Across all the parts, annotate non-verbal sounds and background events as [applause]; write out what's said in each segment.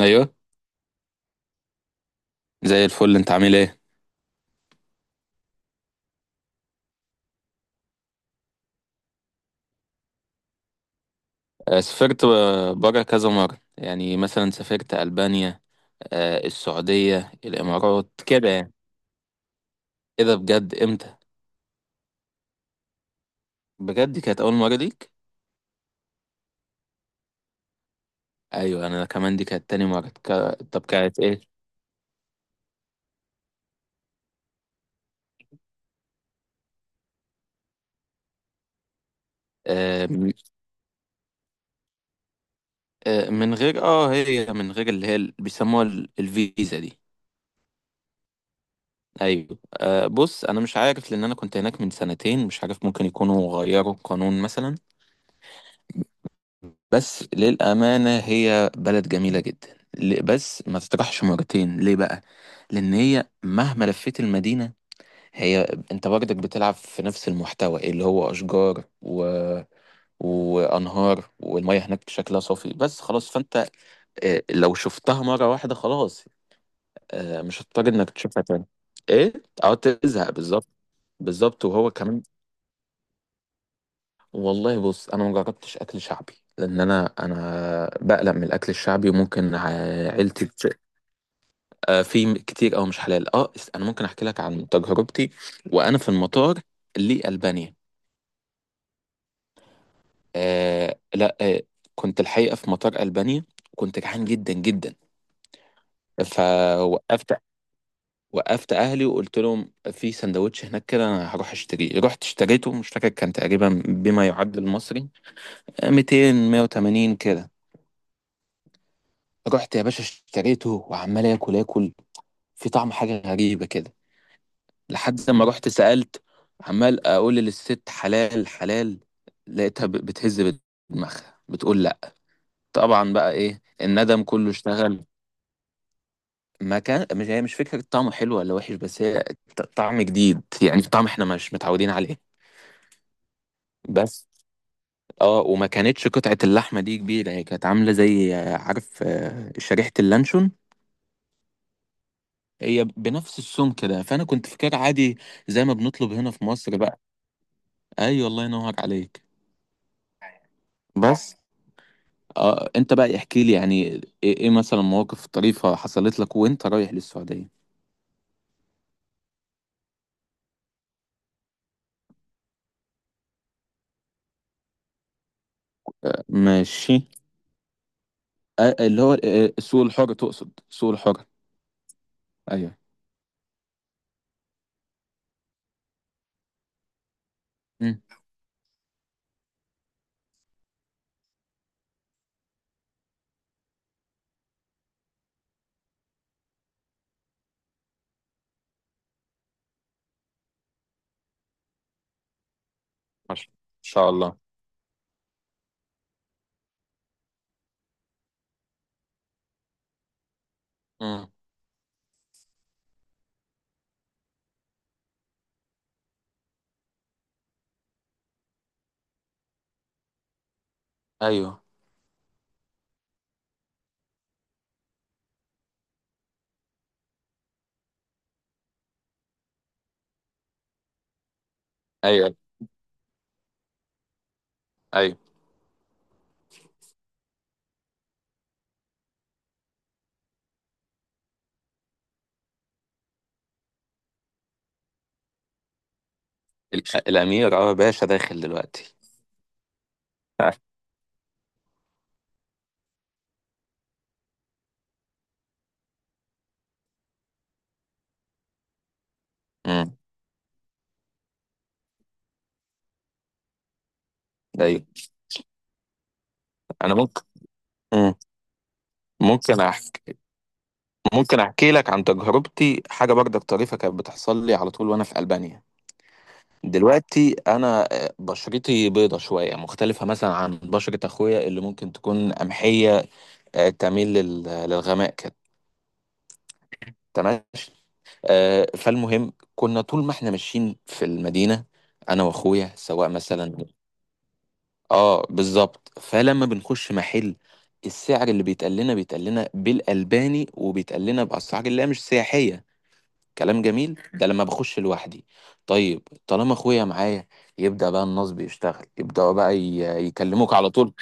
ايوه. زي الفل، انت عامل ايه؟ سافرت، بره كذا مره، يعني مثلا سافرت البانيا، السعوديه، الامارات كده يعني. ايه ده بجد؟ امتى؟ بجد دي كانت اول مره ليك؟ ايوه انا كمان دي كانت تاني مره طب كانت ايه؟ آه، م- من غير اه، هي من غير اللي هي اللي بيسموها الفيزا دي. ايوه. بص، انا مش عارف لان انا كنت هناك من سنتين، مش عارف ممكن يكونوا غيروا القانون مثلا. بس للأمانة هي بلد جميلة جدا، بس ما تطرحش مرتين ليه بقى؟ لأن هي مهما لفيت المدينة، هي أنت برضك بتلعب في نفس المحتوى اللي هو أشجار وأنهار، والمية هناك شكلها صافي بس خلاص. فأنت لو شفتها مرة واحدة خلاص، مش هتضطر إنك تشوفها تاني. إيه؟ أه، تزهق بالظبط. بالظبط. وهو كمان، والله بص انا ما جربتش اكل شعبي، لان انا بقلق من الاكل الشعبي، وممكن في كتير او مش حلال. اه، انا ممكن احكي لك عن تجربتي وانا في المطار لألبانيا. آه لا آه كنت الحقيقه في مطار ألبانيا كنت جعان جدا جدا، فوقفت. وقفت اهلي وقلت لهم في سندوتش هناك كده، انا هروح اشتريه. رحت اشتريته، مش فاكر كان تقريبا بما يعادل المصري 200، 180 كده. رحت يا باشا اشتريته، وعمال اكل اكل، في طعم حاجه غريبه كده، لحد لما رحت سالت. عمال اقول للست حلال حلال، لقيتها بتهز بدماغها بتقول لا. طبعا بقى ايه، الندم كله اشتغل. ما كان مش، هي مش فكره طعمه حلو ولا وحش، بس هي طعم جديد يعني، طعم احنا مش متعودين عليه. بس اه، وما كانتش قطعه اللحمه دي كبيره، هي كانت عامله زي عارف شريحه اللانشون، هي بنفس السمك كده. فانا كنت فاكر عادي زي ما بنطلب هنا في مصر بقى. ايوه الله ينور عليك. بس آه، انت بقى احكي لي يعني ايه، إيه مثلا مواقف طريفة حصلت لك وانت رايح للسعودية؟ ماشي. آه، اللي هو آه، السوق الحر، تقصد سوق الحر؟ ايوه. مم. ما شاء الله. مم. ايوه. ايوه. ايوه الامير، اه باشا داخل دلوقتي. [laughs] مم. ايوه. انا ممكن، مم. ممكن احكي، ممكن احكي لك عن تجربتي، حاجه برضك طريفه كانت بتحصل لي على طول وانا في البانيا. دلوقتي انا آه، بشرتي بيضه شويه، مختلفه مثلا عن بشره اخويا اللي ممكن تكون قمحيه، تميل للغماء كده. تمام. فالمهم كنا طول ما احنا ماشيين في المدينه، انا واخويا سواء مثلا. اه بالظبط. فلما بنخش محل، السعر اللي بيتقال لنا، بالالباني، وبيتقال لنا باسعار اللي هي مش سياحيه. كلام جميل ده لما بخش لوحدي. طيب طالما اخويا معايا، يبدأ بقى النصب يشتغل، يبدأوا بقى يكلموك على طول.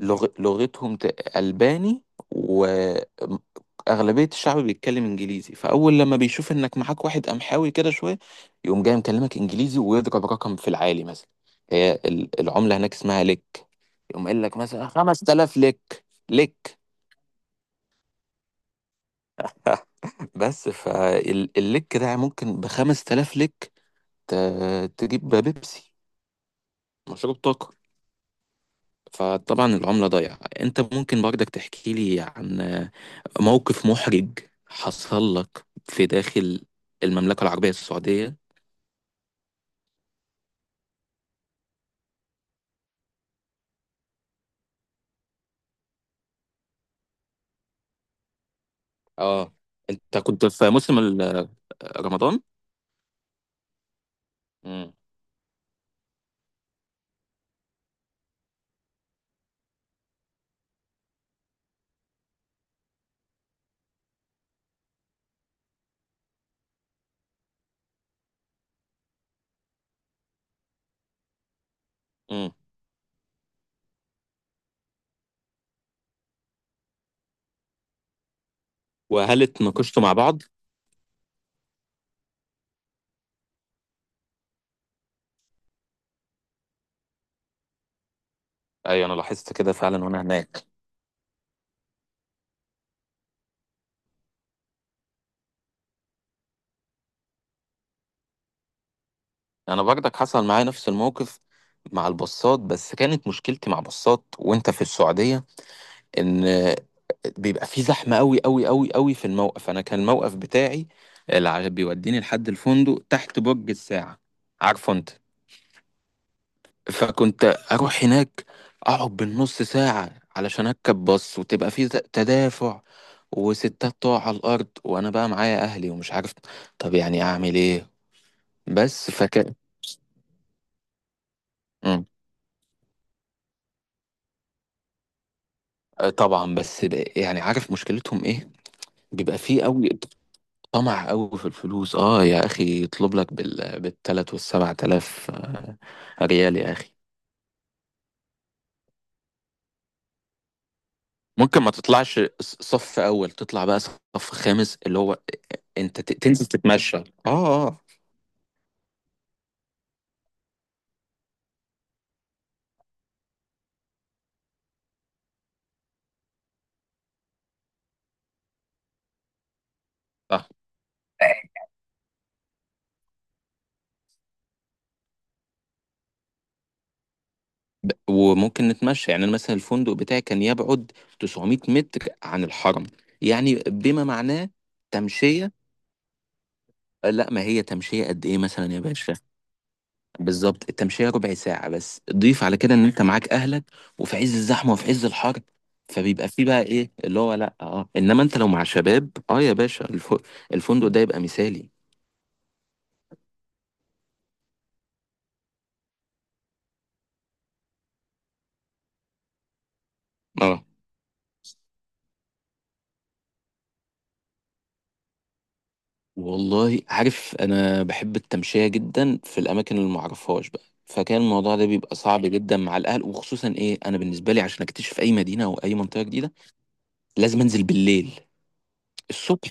لغتهم ألباني، وأغلبية الشعب بيتكلم إنجليزي. فأول لما بيشوف إنك معاك واحد قمحاوي كده شوية، يقوم جاي مكلمك إنجليزي، ويضرب رقم في العالي مثلا. هي العملة هناك اسمها لك، يقوم قايل لك مثلا 5000 لك. لك. بس فاللك ده ممكن ب 5000 لك ت- تجيب بيبسي، مشروب طاقة. فطبعا العملة ضايعة. انت ممكن برضك تحكي لي عن موقف محرج حصل لك في داخل المملكة العربية السعودية؟ اه، انت كنت في موسم رمضان. امم. امم. وهل اتناقشتوا مع بعض؟ ايوه انا لاحظت كده فعلا وانا هناك. انا برضك حصل معايا نفس الموقف مع البصات، بس كانت مشكلتي مع بصات وانت في السعودية، ان بيبقى في زحمه قوي قوي قوي قوي في الموقف. انا كان الموقف بتاعي اللي بيوديني لحد الفندق تحت برج الساعه، عارفه انت. فكنت اروح هناك، اقعد بالنص ساعه علشان اركب باص، وتبقى في تدافع، وستات تقع على الارض، وانا بقى معايا اهلي ومش عارف طب يعني اعمل ايه. بس فكان، مم. آه، طبعا. بس بقى يعني عارف مشكلتهم ايه؟ بيبقى فيه قوي، طمع قوي في الفلوس. اه يا اخي يطلب لك بالتلات والسبع تلاف ريال يا اخي. ممكن ما تطلعش صف اول، تطلع بقى صف خامس اللي هو، انت تنزل تتمشى اه. اه. صح. وممكن نتمشى يعني. أنا مثلا الفندق بتاعي كان يبعد 900 متر عن الحرم، يعني بما معناه تمشية. لا ما هي تمشية قد ايه مثلا يا باشا؟ بالظبط، التمشية ربع ساعة، بس ضيف على كده ان انت معاك اهلك، وفي عز الزحمة وفي عز الحر. فبيبقى فيه بقى ايه اللي هو، لا اه، انما انت لو مع شباب، اه يا باشا، الفندق ده يبقى مثالي. اه والله، عارف انا بحب التمشية جدا في الاماكن اللي معرفهاش بقى، فكان الموضوع ده بيبقى صعب جدا مع الاهل. وخصوصا ايه، انا بالنسبة لي عشان اكتشف اي مدينة او اي منطقة جديدة، لازم انزل بالليل، الصبح،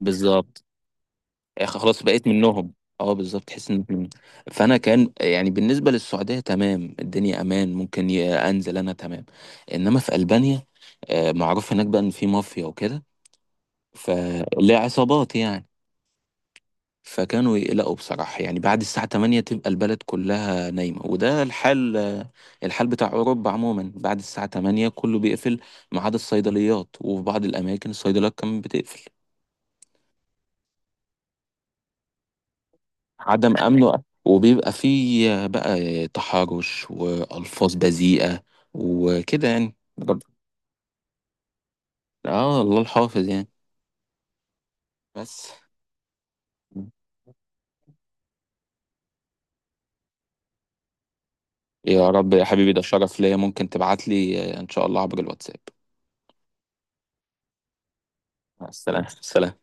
بالظبط. خلاص بقيت منهم. اه بالظبط تحس ان فانا كان يعني بالنسبه للسعوديه تمام، الدنيا امان ممكن انزل انا تمام. انما في البانيا، آه، معروف هناك بقى ان في مافيا وكده، فليه عصابات يعني. فكانوا يقلقوا بصراحه يعني. بعد الساعه 8 تبقى البلد كلها نايمه، وده الحال، بتاع اوروبا عموما، بعد الساعه 8 كله بيقفل ما عدا الصيدليات، وفي بعض الاماكن الصيدليات كمان بتقفل. عدم امنه، وبيبقى فيه بقى تحرش والفاظ بذيئه وكده يعني اه الله الحافظ يعني. بس. يا رب يا حبيبي، ده شرف ليا. ممكن تبعت لي ان شاء الله عبر الواتساب. مع السلامه، سلام.